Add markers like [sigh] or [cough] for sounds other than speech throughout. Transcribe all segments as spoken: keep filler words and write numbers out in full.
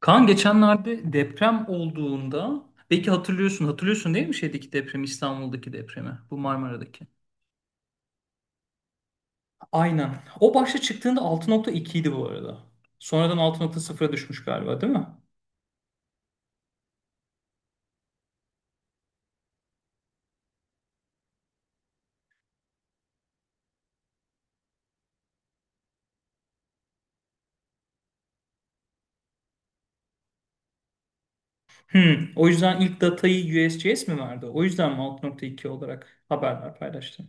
Kaan geçenlerde deprem olduğunda belki hatırlıyorsun hatırlıyorsun değil mi, şeydeki depremi, İstanbul'daki depremi, bu Marmara'daki. Aynen. O başta çıktığında altı nokta iki idi bu arada. Sonradan altı nokta sıfıra düşmüş galiba, değil mi? Hmm. O yüzden ilk datayı U S G S mi verdi? O yüzden mi altı nokta iki olarak haberler paylaştı?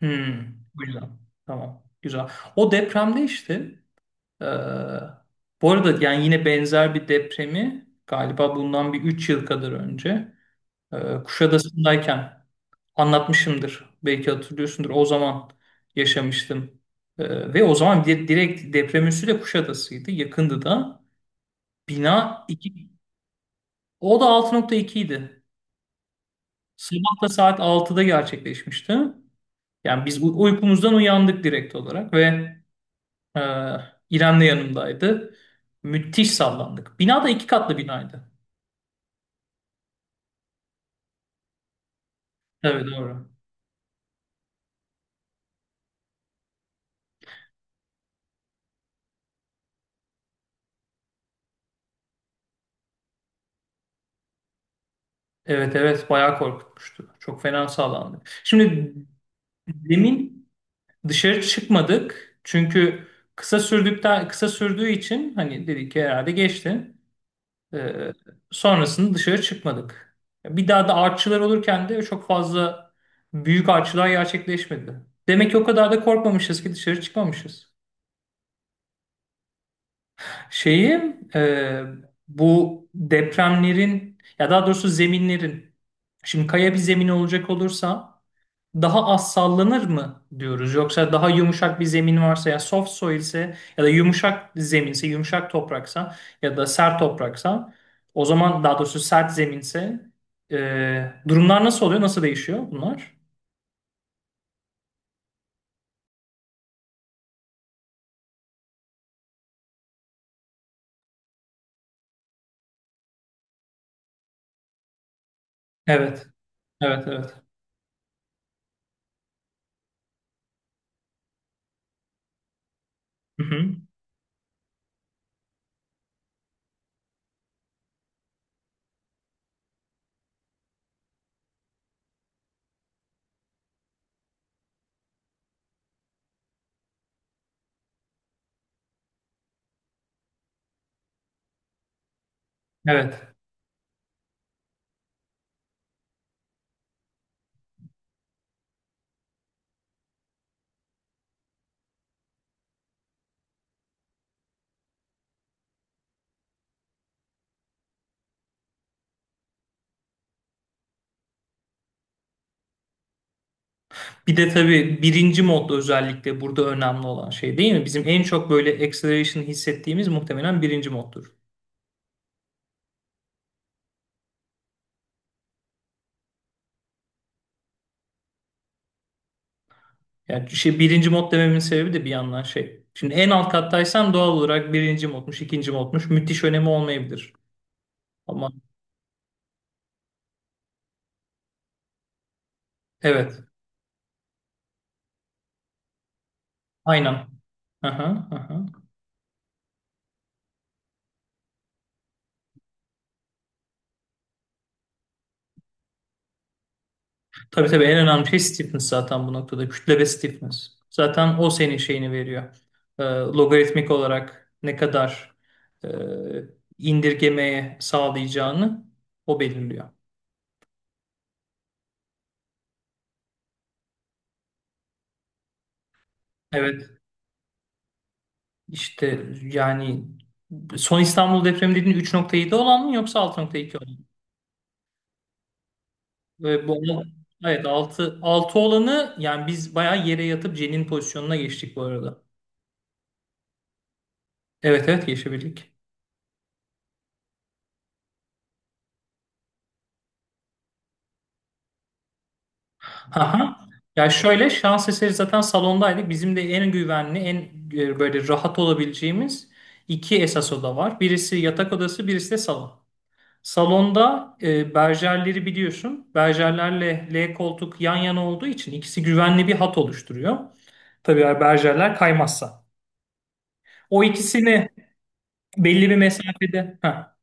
Hmm. Bu yüzden. Tamam. Güzel. O depremde işte, eee, bu arada yani yine benzer bir depremi galiba bundan bir üç yıl kadar önce, Ee, Kuşadası'ndayken anlatmışımdır. Belki hatırlıyorsundur. O zaman yaşamıştım. Ee, Ve o zaman di- direkt deprem üssü de Kuşadası'ydı. Yakındı da. Bina iki. O da altı nokta iki idi. Sabah da saat altıda gerçekleşmişti. Yani biz u- uykumuzdan uyandık direkt olarak ve e, İrem de yanımdaydı. Müthiş sallandık. Bina da iki katlı binaydı. Evet, doğru. Evet, evet, bayağı korkutmuştu. Çok fena sallandık. Şimdi demin dışarı çıkmadık çünkü kısa sürdükten kısa sürdüğü için, hani dedik ki herhalde geçti. Ee, sonrasında dışarı çıkmadık. Bir daha da artçılar olurken de çok fazla büyük artçılar gerçekleşmedi. Demek ki o kadar da korkmamışız ki dışarı çıkmamışız. Şeyi e, bu depremlerin, ya daha doğrusu zeminlerin, şimdi kaya bir zemin olacak olursa daha az sallanır mı diyoruz? Yoksa daha yumuşak bir zemin varsa, ya soft soil ise ya da yumuşak zeminse, yumuşak topraksa ya da sert topraksa, o zaman, daha doğrusu sert zeminse, e, durumlar nasıl oluyor? Nasıl değişiyor bunlar? Evet. Evet, evet. Hı hı. Evet. Bir de tabii birinci modda özellikle burada önemli olan şey, değil mi? Bizim en çok böyle acceleration hissettiğimiz muhtemelen birinci moddur. Yani şey birinci mod dememin sebebi de bir yandan şey. Şimdi en alt kattaysam doğal olarak birinci modmuş, ikinci modmuş, müthiş önemi olmayabilir. Ama evet, aynen. Aha, aha. Tabii, tabii en önemli şey stiffness zaten bu noktada. Kütle ve stiffness. Zaten o senin şeyini veriyor. Ee, logaritmik olarak ne kadar e, indirgemeye sağlayacağını o belirliyor. Evet, işte yani son İstanbul depremi dediğin üç nokta yedi olan mı yoksa altı nokta iki olan mı? Ve bu al- evet, altı altı olanı, yani biz bayağı yere yatıp cenin pozisyonuna geçtik bu arada. Evet, evet geçebildik. Aha. Ya şöyle, şans eseri zaten salondaydık. Bizim de en güvenli, en e, böyle rahat olabileceğimiz iki esas oda var. Birisi yatak odası, birisi de salon. Salonda e, berjerleri biliyorsun. Berjerlerle L koltuk yan yana olduğu için ikisi güvenli bir hat oluşturuyor. Tabii eğer berjerler kaymazsa. O ikisini belli bir mesafede. Heh.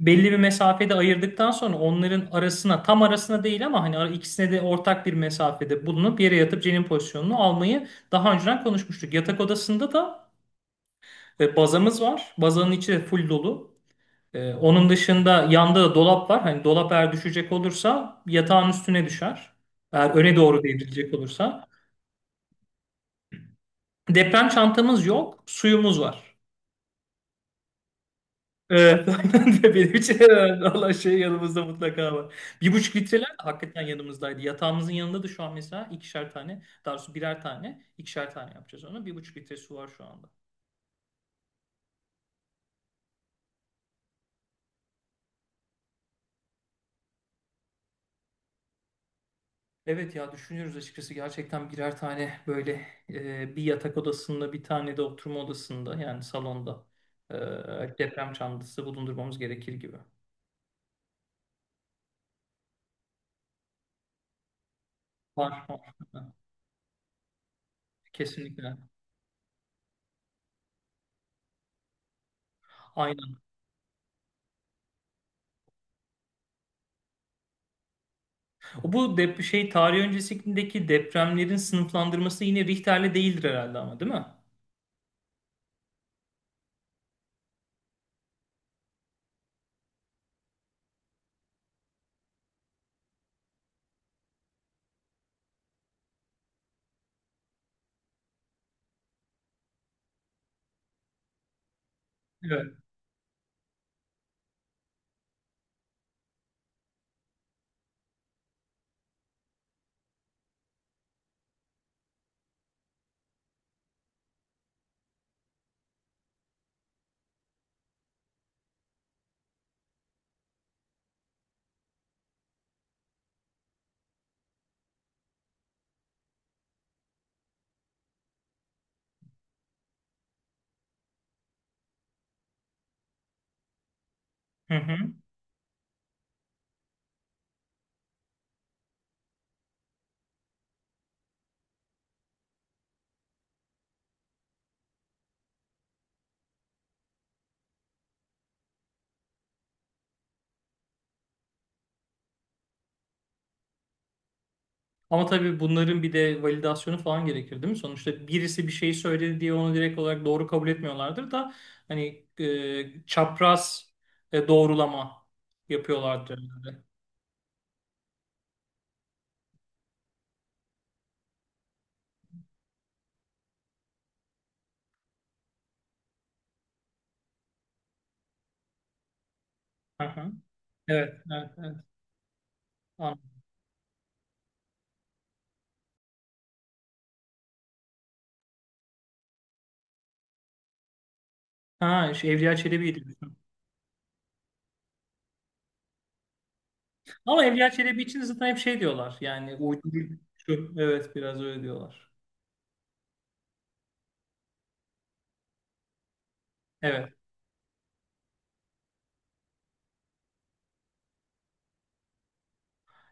Belli bir mesafede ayırdıktan sonra onların arasına, tam arasına değil ama hani ara- ikisine de ortak bir mesafede bulunup yere yatıp cenin pozisyonunu almayı daha önceden konuşmuştuk. Yatak odasında da e, bazamız var. Bazanın içi de full dolu. E, onun dışında yanda da dolap var. Hani dolap eğer düşecek olursa yatağın üstüne düşer, eğer öne doğru devrilecek olursa. Deprem çantamız yok, suyumuz var. Evet, [laughs] aynen de benim için herhalde Allah şey yanımızda mutlaka var. Bir buçuk litreler de hakikaten yanımızdaydı. Yatağımızın yanında da şu an mesela ikişer tane, daha doğrusu birer tane, ikişer tane yapacağız onu. Bir buçuk litre su var şu anda. Evet ya, düşünüyoruz açıkçası gerçekten birer tane böyle, e, bir yatak odasında, bir tane de oturma odasında, yani salonda, e, deprem çantası bulundurmamız gerekir gibi. Var, var. Kesinlikle. Aynen. Bu dep şey tarih öncesindeki depremlerin sınıflandırması yine Richter'le değildir herhalde, ama değil mi? Evet. Hı hı. Ama tabii bunların bir de validasyonu falan gerekir, değil mi? Sonuçta birisi bir şey söyledi diye onu direkt olarak doğru kabul etmiyorlardır da, hani e, çapraz e, doğrulama yapıyorlardır herhalde. Hı hı. Evet, evet, evet. Anladım. Ha, şu Evliya Çelebi'ydi bizim. Ama Evliya Çelebi için zaten hep şey diyorlar. Yani uydu şu. Evet, biraz öyle diyorlar. Evet.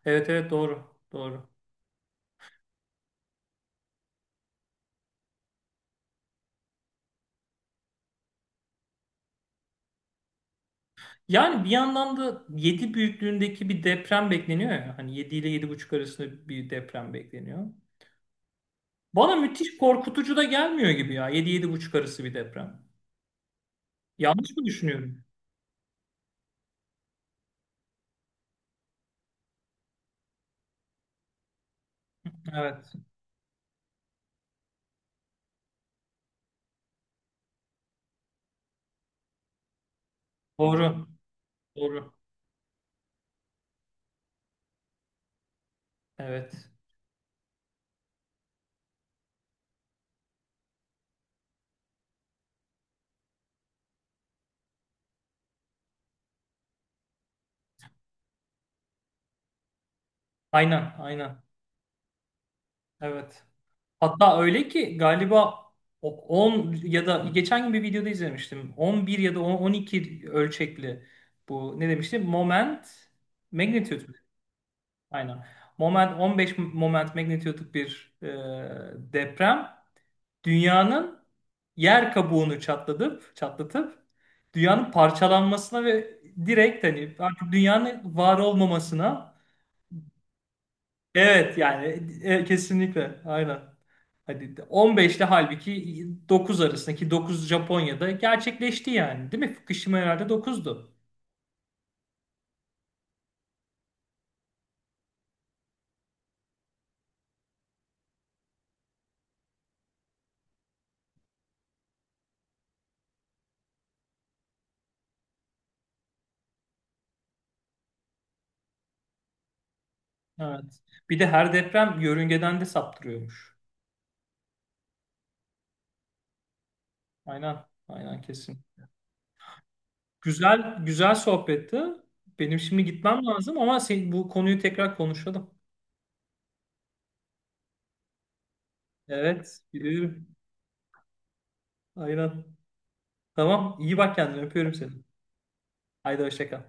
Evet, evet, doğru. Doğru. Yani bir yandan da yedi büyüklüğündeki bir deprem bekleniyor ya. Hani yedi ile yedi buçuk arasında bir deprem bekleniyor. Bana müthiş korkutucu da gelmiyor gibi ya. Yedi, yedi buçuk arası bir deprem. Yanlış mı düşünüyorum? Evet. Doğru. Doğru. Evet. Aynen. Aynen. Evet. Hatta öyle ki galiba, o- on ya da, geçen gün bir videoda izlemiştim, on bir ya da on, on iki ölçekli, bu ne demiştim? Moment magnitude. Aynen. Moment on beş moment magnitude'luk bir e, deprem dünyanın yer kabuğunu çatlatıp çatlatıp dünyanın parçalanmasına ve direkt hani artık dünyanın var olmamasına, evet yani, e, kesinlikle aynen. Hadi on beş ile halbuki dokuz arasındaki, dokuz Japonya'da gerçekleşti yani, değil mi? Fukushima herhalde dokuzdu. Evet. Bir de her deprem yörüngeden de saptırıyormuş. Aynen. Aynen, kesin. Güzel güzel sohbetti. Benim şimdi gitmem lazım ama sen, bu konuyu tekrar konuşalım. Evet, biliyorum. Aynen. Tamam, iyi bak kendine. Öpüyorum seni. Haydi, hoşça kal.